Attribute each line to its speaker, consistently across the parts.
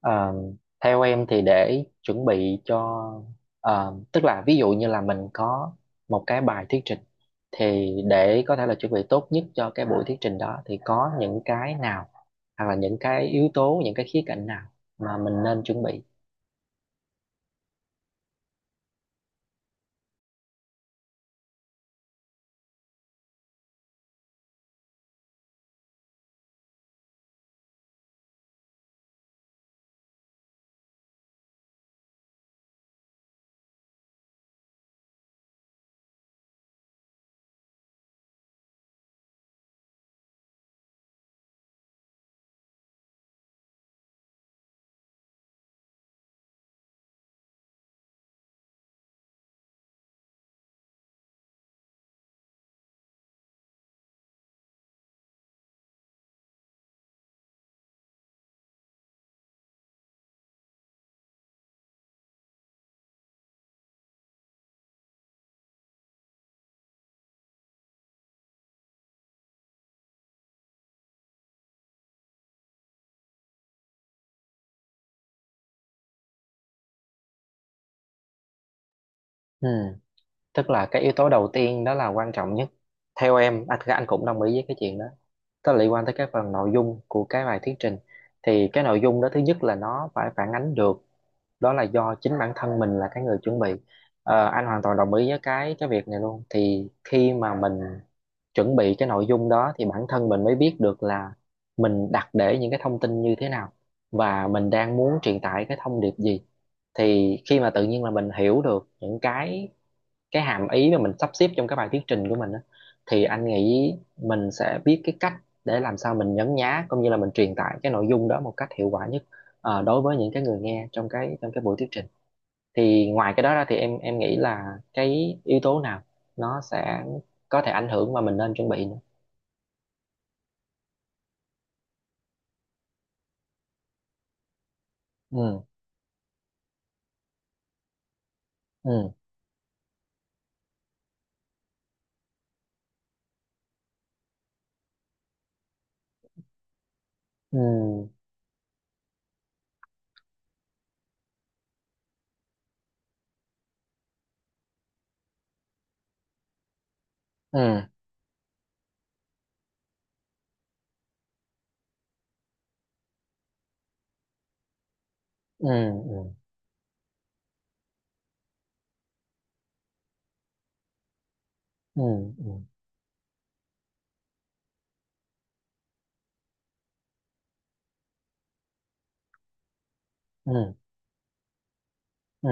Speaker 1: Ờ, theo em thì để chuẩn bị cho tức là ví dụ như là mình có một cái bài thuyết trình, thì để có thể là chuẩn bị tốt nhất cho cái buổi thuyết trình đó thì có những cái nào, hoặc là những cái yếu tố, những cái khía cạnh nào mà mình nên chuẩn bị. Ừ, tức là cái yếu tố đầu tiên đó là quan trọng nhất theo em, anh cũng đồng ý với cái chuyện đó. Nó liên quan tới cái phần nội dung của cái bài thuyết trình, thì cái nội dung đó thứ nhất là nó phải phản ánh được, đó là do chính bản thân mình là cái người chuẩn bị. Ờ, anh hoàn toàn đồng ý với cái việc này luôn. Thì khi mà mình chuẩn bị cái nội dung đó thì bản thân mình mới biết được là mình đặt để những cái thông tin như thế nào, và mình đang muốn truyền tải cái thông điệp gì. Thì khi mà tự nhiên là mình hiểu được những cái hàm ý mà mình sắp xếp trong cái bài thuyết trình của mình á, thì anh nghĩ mình sẽ biết cái cách để làm sao mình nhấn nhá cũng như là mình truyền tải cái nội dung đó một cách hiệu quả nhất, đối với những cái người nghe trong cái buổi thuyết trình. Thì ngoài cái đó ra thì em nghĩ là cái yếu tố nào nó sẽ có thể ảnh hưởng mà mình nên chuẩn bị nữa? Ừ. Ừ. Ừ. Ừ. Ừ. Ừ. Ừ. Ừ. Ừ. Ừ.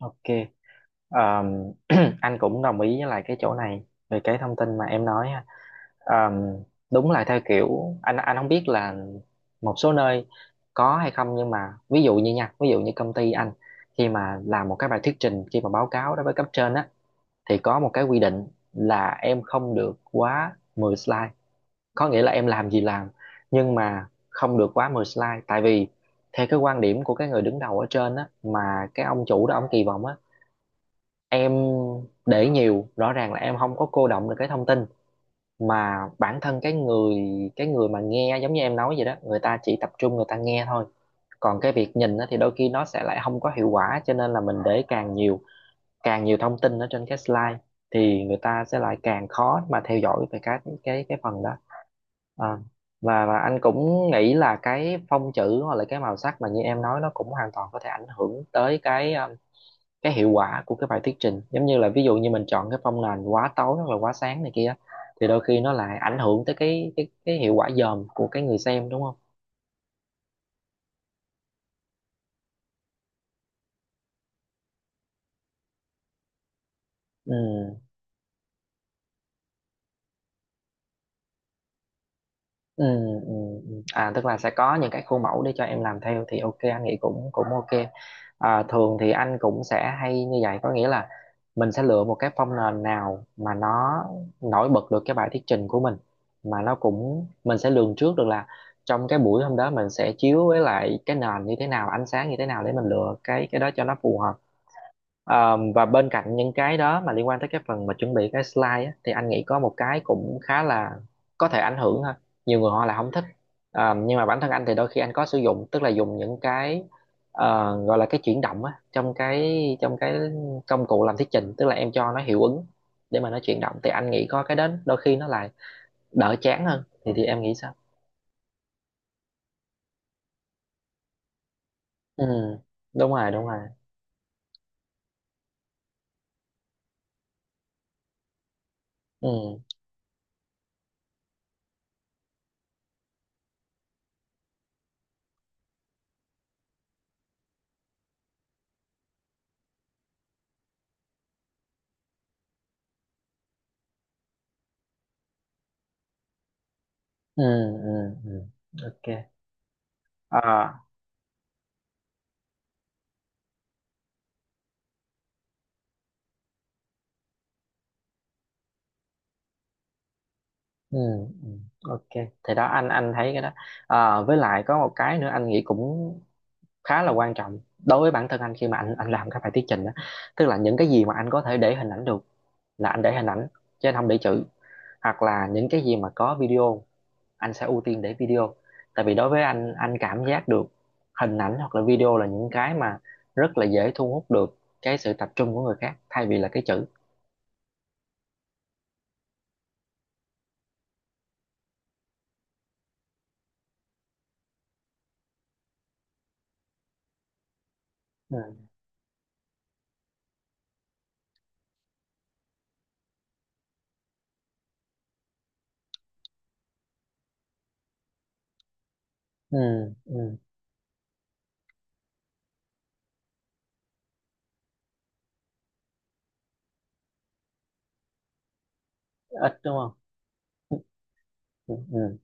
Speaker 1: Ok. Ờm, anh cũng đồng ý với lại cái chỗ này về cái thông tin mà em nói ha. Ờm, đúng là theo kiểu, anh không biết là một số nơi có hay không, nhưng mà ví dụ như nha, ví dụ như công ty anh, khi mà làm một cái bài thuyết trình, khi mà báo cáo đối với cấp trên á, thì có một cái quy định là em không được quá 10 slide, có nghĩa là em làm gì làm nhưng mà không được quá 10 slide. Tại vì theo cái quan điểm của cái người đứng đầu ở trên á, mà cái ông chủ đó ông kỳ vọng á, em để nhiều rõ ràng là em không có cô đọng được cái thông tin, mà bản thân cái người mà nghe giống như em nói vậy đó, người ta chỉ tập trung, người ta nghe thôi. Còn cái việc nhìn á, thì đôi khi nó sẽ lại không có hiệu quả, cho nên là mình để càng nhiều, càng nhiều thông tin ở trên cái slide thì người ta sẽ lại càng khó mà theo dõi về cái phần đó. Ờ. Và anh cũng nghĩ là cái phông chữ hoặc là cái màu sắc mà như em nói, nó cũng hoàn toàn có thể ảnh hưởng tới cái, cái hiệu quả của cái bài thuyết trình. Giống như là ví dụ như mình chọn cái phong nền quá tối hoặc là quá sáng này kia, thì đôi khi nó lại ảnh hưởng tới cái hiệu quả dòm của cái người xem, đúng không? Ừ. Ừ. Ừ. Ừ. À, tức là sẽ có những cái khuôn mẫu để cho em làm theo thì ok, anh nghĩ cũng cũng ok. À, thường thì anh cũng sẽ hay như vậy. Có nghĩa là mình sẽ lựa một cái phông nền nào mà nó nổi bật được cái bài thuyết trình của mình, mà nó cũng, mình sẽ lường trước được là trong cái buổi hôm đó mình sẽ chiếu với lại cái nền như thế nào, ánh sáng như thế nào, để mình lựa cái đó cho nó phù hợp. Ờ, và bên cạnh những cái đó mà liên quan tới cái phần mà chuẩn bị cái slide á, thì anh nghĩ có một cái cũng khá là có thể ảnh hưởng ha. Nhiều người họ là không thích. Ờ, nhưng mà bản thân anh thì đôi khi anh có sử dụng, tức là dùng những cái, gọi là cái chuyển động á, trong cái công cụ làm thuyết trình. Tức là em cho nó hiệu ứng để mà nó chuyển động, thì anh nghĩ có cái đến đôi khi nó lại đỡ chán hơn, thì em nghĩ sao? Ừ. Đúng rồi, đúng rồi. Ừ. Ừ. Ừ. Ừ. Ok. Ờ. Ừ. Ừ. Ok, thì đó, anh thấy cái đó. À, với lại có một cái nữa anh nghĩ cũng khá là quan trọng đối với bản thân anh khi mà anh làm các bài thuyết trình đó. Tức là những cái gì mà anh có thể để hình ảnh được là anh để hình ảnh chứ anh không để chữ, hoặc là những cái gì mà có video, anh sẽ ưu tiên để video. Tại vì đối với anh cảm giác được hình ảnh hoặc là video là những cái mà rất là dễ thu hút được cái sự tập trung của người khác, thay vì là cái chữ. Ừ. Ừ. Ừ. Ít đúng không. Ừ. Ừ.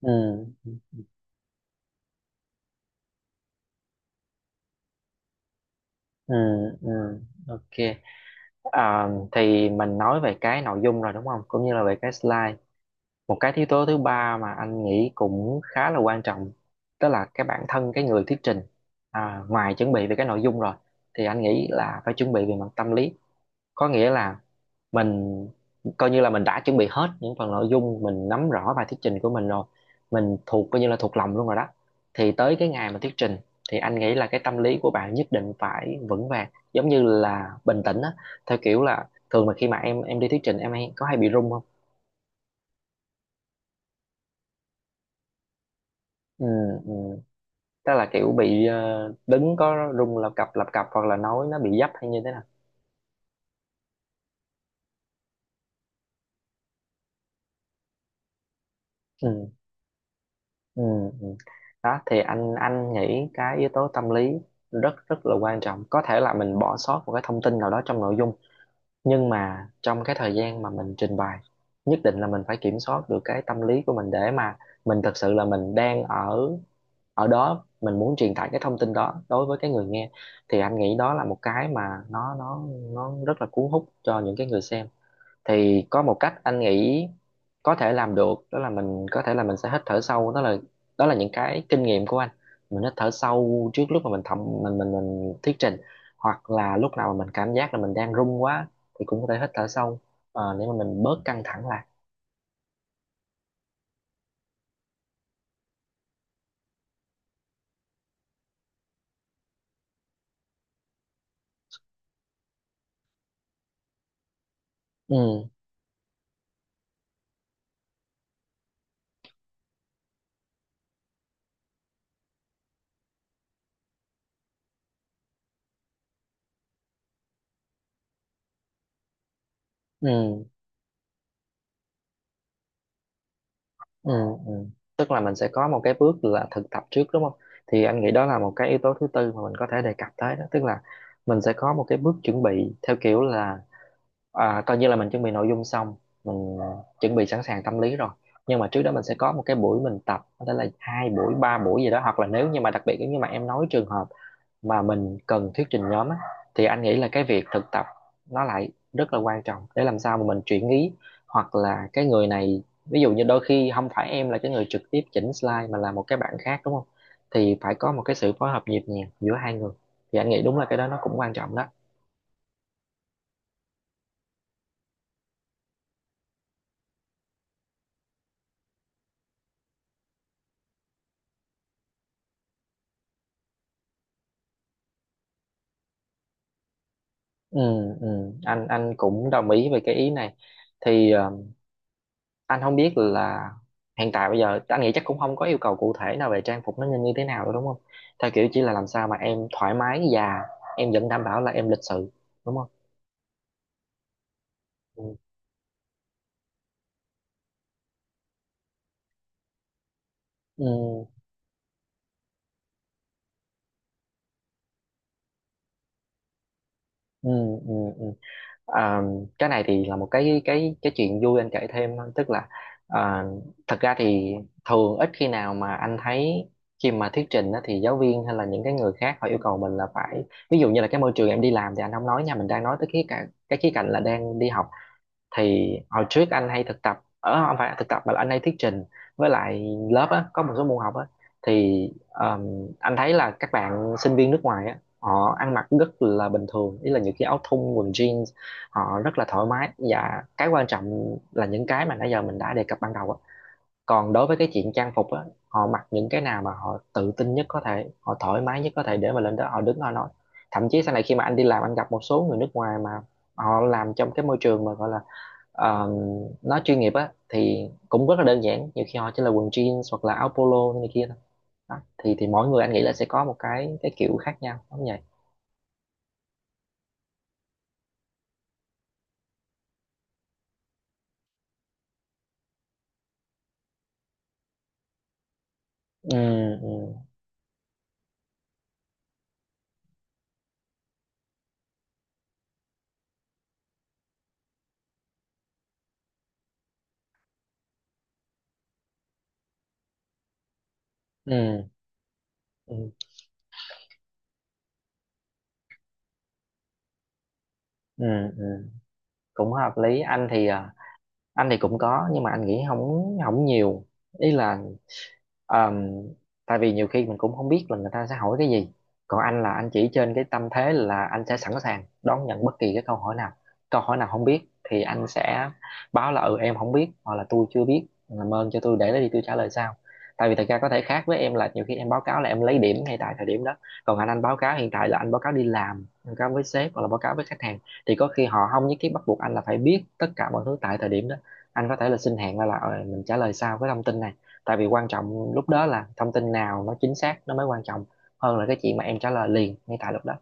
Speaker 1: Ừ. Ừ. Ừ. Ừ. Ok. À, thì mình nói về cái nội dung rồi, đúng không, cũng như là về cái slide. Một cái yếu tố thứ ba mà anh nghĩ cũng khá là quan trọng, đó là cái bản thân cái người thuyết trình. À, ngoài chuẩn bị về cái nội dung rồi, thì anh nghĩ là phải chuẩn bị về mặt tâm lý. Có nghĩa là mình coi như là mình đã chuẩn bị hết những phần nội dung, mình nắm rõ bài thuyết trình của mình rồi, mình thuộc coi như là thuộc lòng luôn rồi đó. Thì tới cái ngày mà thuyết trình, thì anh nghĩ là cái tâm lý của bạn nhất định phải vững vàng, giống như là bình tĩnh á. Theo kiểu là thường mà khi mà em đi thuyết trình em hay có hay bị run không? Ừ. Ừ. Tức là kiểu bị, đứng có run lập cập lập cập, hoặc là nói nó bị dấp hay như thế nào? Ừ. Ừ. Ừ. Đó, thì anh nghĩ cái yếu tố tâm lý rất rất là quan trọng. Có thể là mình bỏ sót một cái thông tin nào đó trong nội dung, nhưng mà trong cái thời gian mà mình trình bày, nhất định là mình phải kiểm soát được cái tâm lý của mình, để mà mình thật sự là mình đang ở ở đó, mình muốn truyền tải cái thông tin đó đối với cái người nghe. Thì anh nghĩ đó là một cái mà nó nó rất là cuốn hút cho những cái người xem. Thì có một cách anh nghĩ có thể làm được, đó là mình có thể là mình sẽ hít thở sâu. Đó là, đó là những cái kinh nghiệm của anh. Mình hít thở sâu trước lúc mà mình thẩm, mình thuyết trình, hoặc là lúc nào mà mình cảm giác là mình đang run quá thì cũng có thể hít thở sâu, để mà mình bớt căng thẳng lại. Ừ. Ừ. Ừ. Ừ. Tức là mình sẽ có một cái bước là thực tập trước đúng không? Thì anh nghĩ đó là một cái yếu tố thứ tư mà mình có thể đề cập tới đó. Tức là mình sẽ có một cái bước chuẩn bị theo kiểu là, à, coi như là mình chuẩn bị nội dung xong, mình chuẩn bị sẵn sàng tâm lý rồi, nhưng mà trước đó mình sẽ có một cái buổi mình tập, có thể là hai buổi ba buổi gì đó. Hoặc là nếu như mà đặc biệt nếu như mà em nói trường hợp mà mình cần thuyết trình nhóm á, thì anh nghĩ là cái việc thực tập nó lại rất là quan trọng. Để làm sao mà mình chuyển ý, hoặc là cái người này ví dụ như đôi khi không phải em là cái người trực tiếp chỉnh slide mà là một cái bạn khác đúng không, thì phải có một cái sự phối hợp nhịp nhàng giữa hai người. Thì anh nghĩ đúng là cái đó nó cũng quan trọng đó. Ừ. Ừ, anh cũng đồng ý về cái ý này. Thì anh không biết là hiện tại bây giờ anh nghĩ chắc cũng không có yêu cầu cụ thể nào về trang phục nó nên như thế nào đâu đúng không? Theo kiểu chỉ là làm sao mà em thoải mái và em vẫn đảm bảo là em lịch sự, đúng không? Ừ. Ừ. Ừ. Ừ. Ờ, cái này thì là một cái cái chuyện vui anh kể thêm thôi. Tức là, ờ, thật ra thì thường ít khi nào mà anh thấy khi mà thuyết trình á, thì giáo viên hay là những cái người khác họ yêu cầu mình là phải, ví dụ như là cái môi trường em đi làm thì anh không nói nha, mình đang nói tới khía cạnh cái khía cạnh là đang đi học. Thì hồi trước anh hay thực tập ở, không phải thực tập mà là anh hay thuyết trình với lại lớp á, có một số môn học á, thì anh thấy là các bạn sinh viên nước ngoài á họ ăn mặc rất là bình thường, ý là những cái áo thun quần jeans. Họ rất là thoải mái, và cái quan trọng là những cái mà nãy giờ mình đã đề cập ban đầu á. Còn đối với cái chuyện trang phục á, họ mặc những cái nào mà họ tự tin nhất có thể, họ thoải mái nhất có thể để mà lên đó họ đứng họ nói. Thậm chí sau này khi mà anh đi làm, anh gặp một số người nước ngoài mà họ làm trong cái môi trường mà gọi là, Ờ, nói chuyên nghiệp á, thì cũng rất là đơn giản, nhiều khi họ chỉ là quần jeans hoặc là áo polo này kia thôi. Đó. Thì mỗi người anh nghĩ là sẽ có một cái kiểu khác nhau đúng vậy. Ừ. Ừ. Ừ. Ừ. Ừ. Ừ. Cũng hợp lý. Anh thì à, anh thì cũng có nhưng mà anh nghĩ không không nhiều, ý là, Ờm, tại vì nhiều khi mình cũng không biết là người ta sẽ hỏi cái gì. Còn anh là anh chỉ trên cái tâm thế là anh sẽ sẵn sàng đón nhận bất kỳ cái câu hỏi nào. Câu hỏi nào không biết thì anh sẽ báo là ừ em không biết, hoặc là tôi chưa biết, làm ơn cho tôi để đó đi, tôi trả lời sau. Tại vì thật ra có thể khác với em là nhiều khi em báo cáo là em lấy điểm ngay tại thời điểm đó, còn anh báo cáo hiện tại là anh báo cáo đi làm, báo cáo với sếp hoặc là báo cáo với khách hàng, thì có khi họ không nhất thiết bắt buộc anh là phải biết tất cả mọi thứ tại thời điểm đó. Anh có thể là xin hẹn ra là, mình trả lời sau cái thông tin này. Tại vì quan trọng lúc đó là thông tin nào nó chính xác nó mới quan trọng, hơn là cái chuyện mà em trả lời liền ngay tại lúc đó,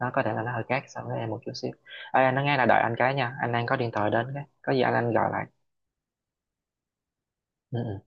Speaker 1: nó có thể là nó hơi khác so với em một chút xíu. Ê, anh nói nghe, là đợi anh cái nha, anh đang có điện thoại đến, cái có gì anh gọi lại. Ừ. Ừ.